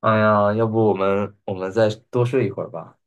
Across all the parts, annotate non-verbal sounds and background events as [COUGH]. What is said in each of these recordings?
哎呀，要不我们再多睡一会儿吧？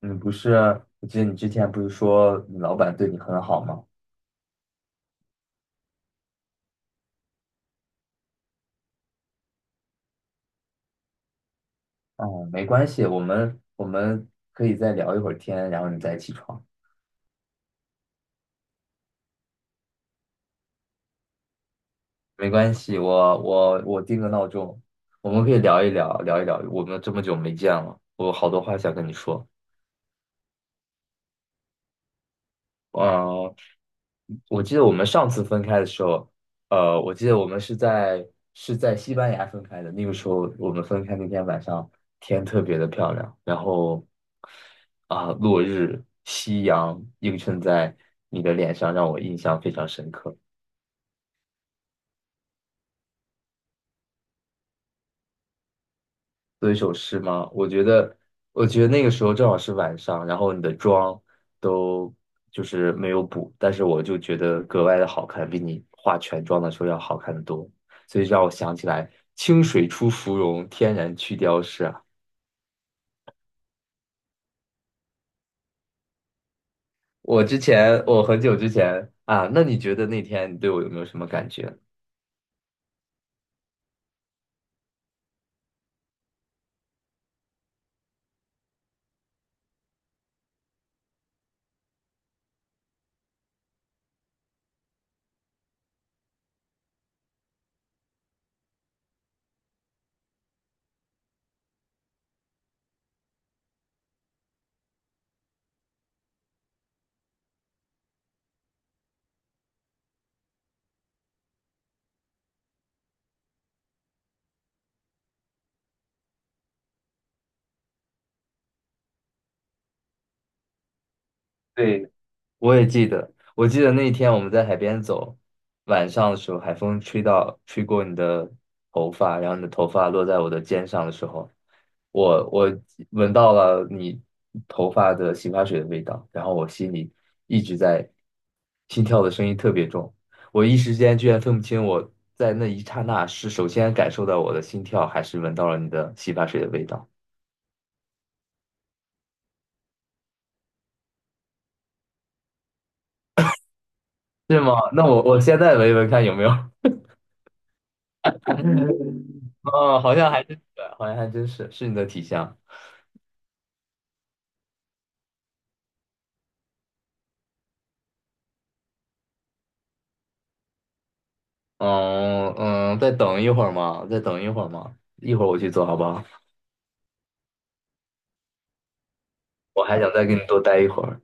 你不是啊，我记得你之前不是说你老板对你很好吗？哦，没关系，我们可以再聊一会儿天，然后你再起床。没关系，我定个闹钟，我们可以聊一聊，聊一聊。我们这么久没见了，我有好多话想跟你说。呃，我记得我们上次分开的时候，我记得我们是在西班牙分开的。那个时候我们分开那天晚上，天特别的漂亮，然后落日、夕阳映衬在你的脸上，让我印象非常深刻。做一首诗吗？我觉得，我觉得那个时候正好是晚上，然后你的妆都就是没有补，但是我就觉得格外的好看，比你化全妆的时候要好看的多，所以让我想起来“清水出芙蓉，天然去雕饰”啊。我之前，我很久之前啊，那你觉得那天你对我有没有什么感觉？对，我也记得，我记得那一天我们在海边走，晚上的时候，海风吹到，吹过你的头发，然后你的头发落在我的肩上的时候，我闻到了你头发的洗发水的味道，然后我心里一直在心跳的声音特别重，我一时间居然分不清我在那一刹那是首先感受到我的心跳，还是闻到了你的洗发水的味道，是吗？那我现在闻一闻看有没有。啊，[LAUGHS] 好像还真是，好像还真是你的体香。嗯嗯，再等一会儿嘛，再等一会儿嘛，一会儿我去做好不好？我还想再跟你多待一会儿。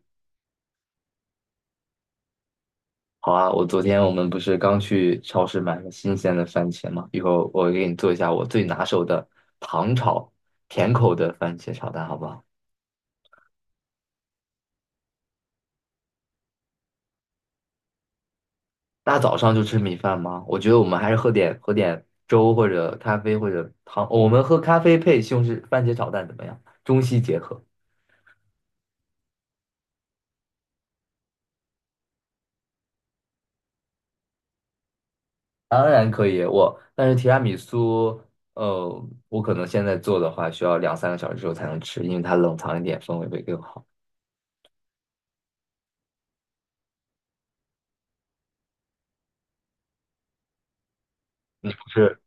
好啊，我昨天我们不是刚去超市买了新鲜的番茄嘛，一会儿我给你做一下我最拿手的糖炒甜口的番茄炒蛋，好不好？大早上就吃米饭吗？我觉得我们还是喝点粥或者咖啡或者糖，我们喝咖啡配西红柿番茄炒蛋怎么样？中西结合。当然可以，我但是提拉米苏，呃，我可能现在做的话，需要两三个小时之后才能吃，因为它冷藏一点，风味会更好。是，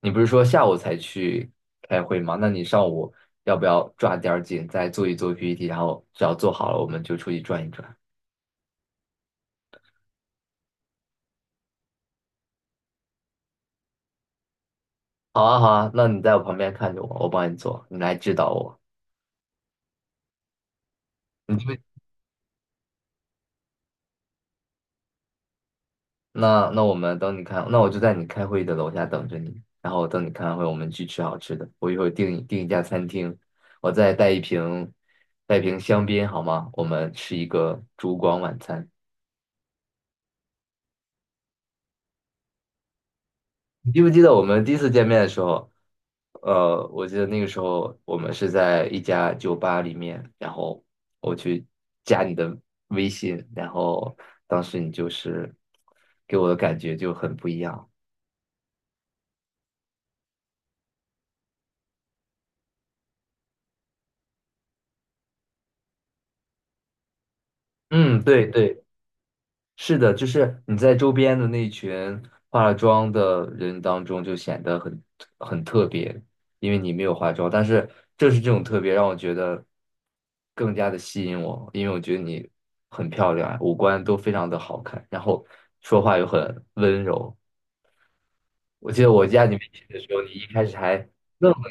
你不是说下午才去开会吗？那你上午要不要抓点儿紧，再做一做 PPT，然后只要做好了，我们就出去转一转。好啊，好啊，那你在我旁边看着我，我帮你做，你来指导我。你那我们等你开，那我就在你开会的楼下等着你，然后等你开完会，我们去吃好吃的。我一会儿订一家餐厅，我再带一瓶香槟好吗？我们吃一个烛光晚餐。你记不记得我们第一次见面的时候？我记得那个时候我们是在一家酒吧里面，然后我去加你的微信，然后当时你就是给我的感觉就很不一样。嗯，对对。是的，就是你在周边的那群化了妆的人当中，就显得很特别，因为你没有化妆。但是正是这种特别，让我觉得更加的吸引我，因为我觉得你很漂亮啊，五官都非常的好看，然后说话又很温柔。我记得我加你微信的时候，你一开始还 [LAUGHS] 愣了，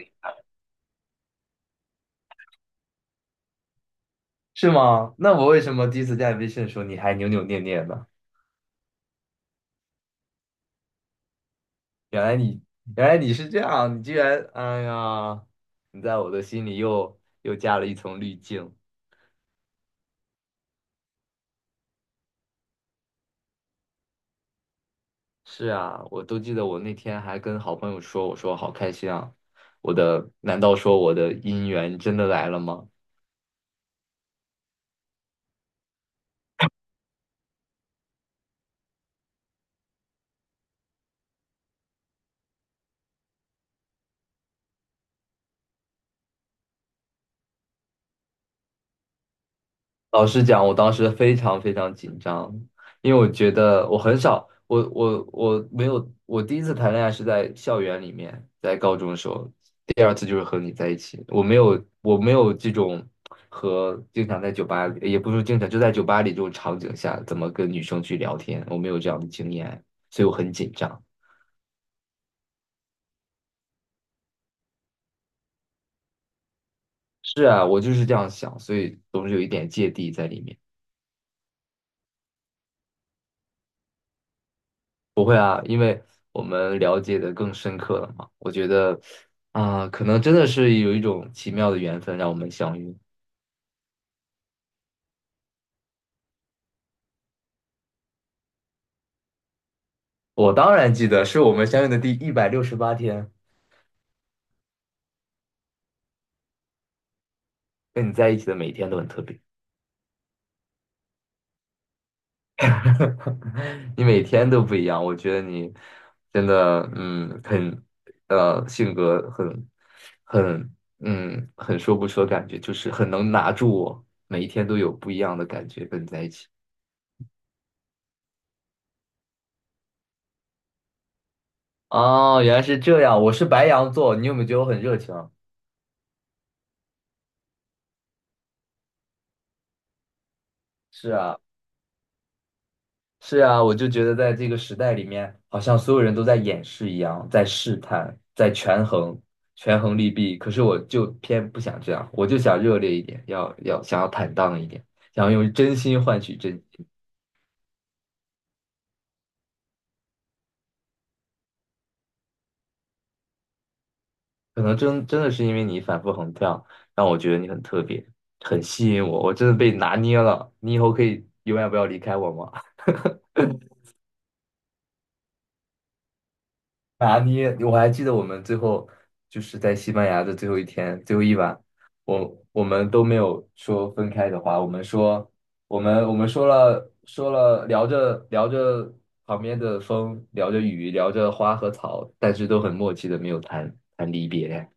是吗？那我为什么第一次加你微信的时候，你还扭扭捏捏的？原来你原来你是这样，你居然，哎呀，你在我的心里又加了一层滤镜。是啊，我都记得我那天还跟好朋友说，我说好开心啊，我的，难道说我的姻缘真的来了吗？老实讲，我当时非常非常紧张，因为我觉得我很少，我没有，我第一次谈恋爱是在校园里面，在高中的时候，第二次就是和你在一起，我没有这种和经常在酒吧里，也不是经常，就在酒吧里这种场景下，怎么跟女生去聊天，我没有这样的经验，所以我很紧张。是啊，我就是这样想，所以总是有一点芥蒂在里面。不会啊，因为我们了解的更深刻了嘛。我觉得，啊、可能真的是有一种奇妙的缘分让我们相遇。我当然记得，是我们相遇的第168天，跟你在一起的每一天都很特别，[LAUGHS] 你每天都不一样。我觉得你真的，嗯，很，性格很，很，嗯，很说不出的感觉，就是很能拿住我，每一天都有不一样的感觉，跟你在一起。哦，原来是这样。我是白羊座，你有没有觉得我很热情啊？是啊，是啊，我就觉得在这个时代里面，好像所有人都在掩饰一样，在试探，在权衡，权衡利弊。可是我就偏不想这样，我就想热烈一点，要想要坦荡一点，想要用真心换取真心。可能真的是因为你反复横跳，让我觉得你很特别，很吸引我，我真的被拿捏了。你以后可以永远不要离开我吗？拿捏，我还记得我们最后就是在西班牙的最后一天，最后一晚，我们都没有说分开的话，我们说我们说了聊着旁边的风，聊着雨，聊着花和草，但是都很默契的没有谈离别。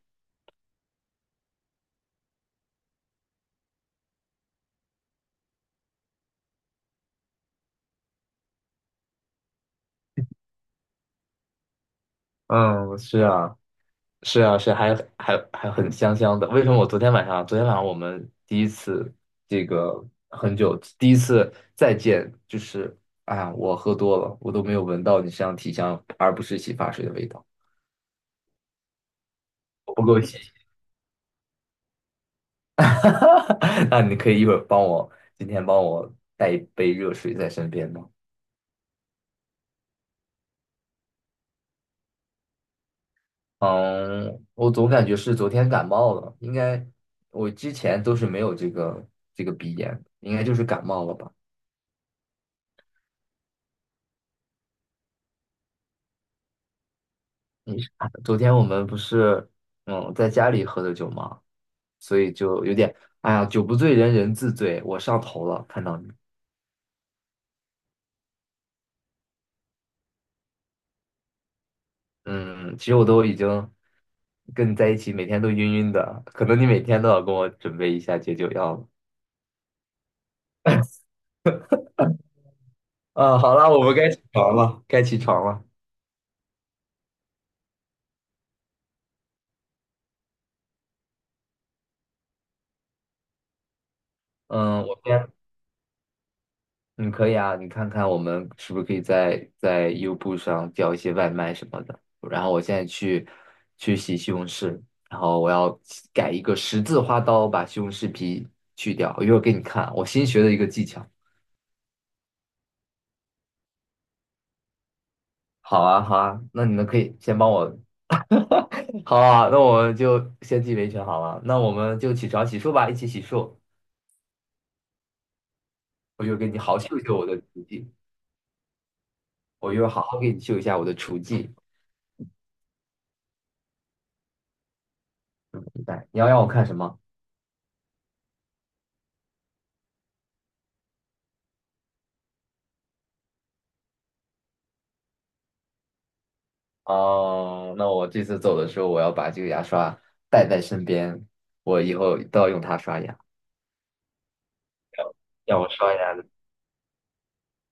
嗯，是啊。是啊，是还很香的。为什么我昨天晚上，昨天晚上我们第一次这个很久，第一次再见，就是哎呀，我喝多了，我都没有闻到你身上体香，而不是洗发水的味道，我不够细。[LAUGHS] 那你可以一会儿帮我，今天帮我带一杯热水在身边吗？嗯，我总感觉是昨天感冒了，应该我之前都是没有这个鼻炎，应该就是感冒了吧。你是昨天我们不是嗯在家里喝的酒吗？所以就有点哎呀，酒不醉人人自醉，我上头了，看到你，嗯，其实我都已经跟你在一起，每天都晕晕的，可能你每天都要跟我准备一下解酒药了。啊，好了，我们该起床了，该起床了。嗯，我先嗯，可以啊，你看看我们是不是可以在优步上叫一些外卖什么的。然后我现在去洗西红柿，然后我要改一个十字花刀，把西红柿皮去掉。我一会儿给你看啊我新学的一个技巧。好啊，好啊，那你们可以先帮我。好啊，那我们就先记维权好了。那我们就起床洗漱吧，一起洗漱。我一会儿给你好好秀一秀我的厨技，我一会儿好好给你秀一下我的厨技。来，你要让我看什么？哦，那我这次走的时候，我要把这个牙刷带在身边，我以后都要用它刷牙，让我刷牙的。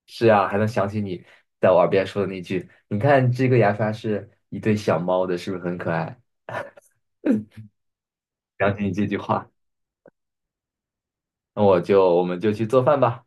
是啊，还能想起你在我耳边说的那句：“你看这个牙刷是一对小猫的，是不是很可爱？”想起你这句话，那我们就去做饭吧。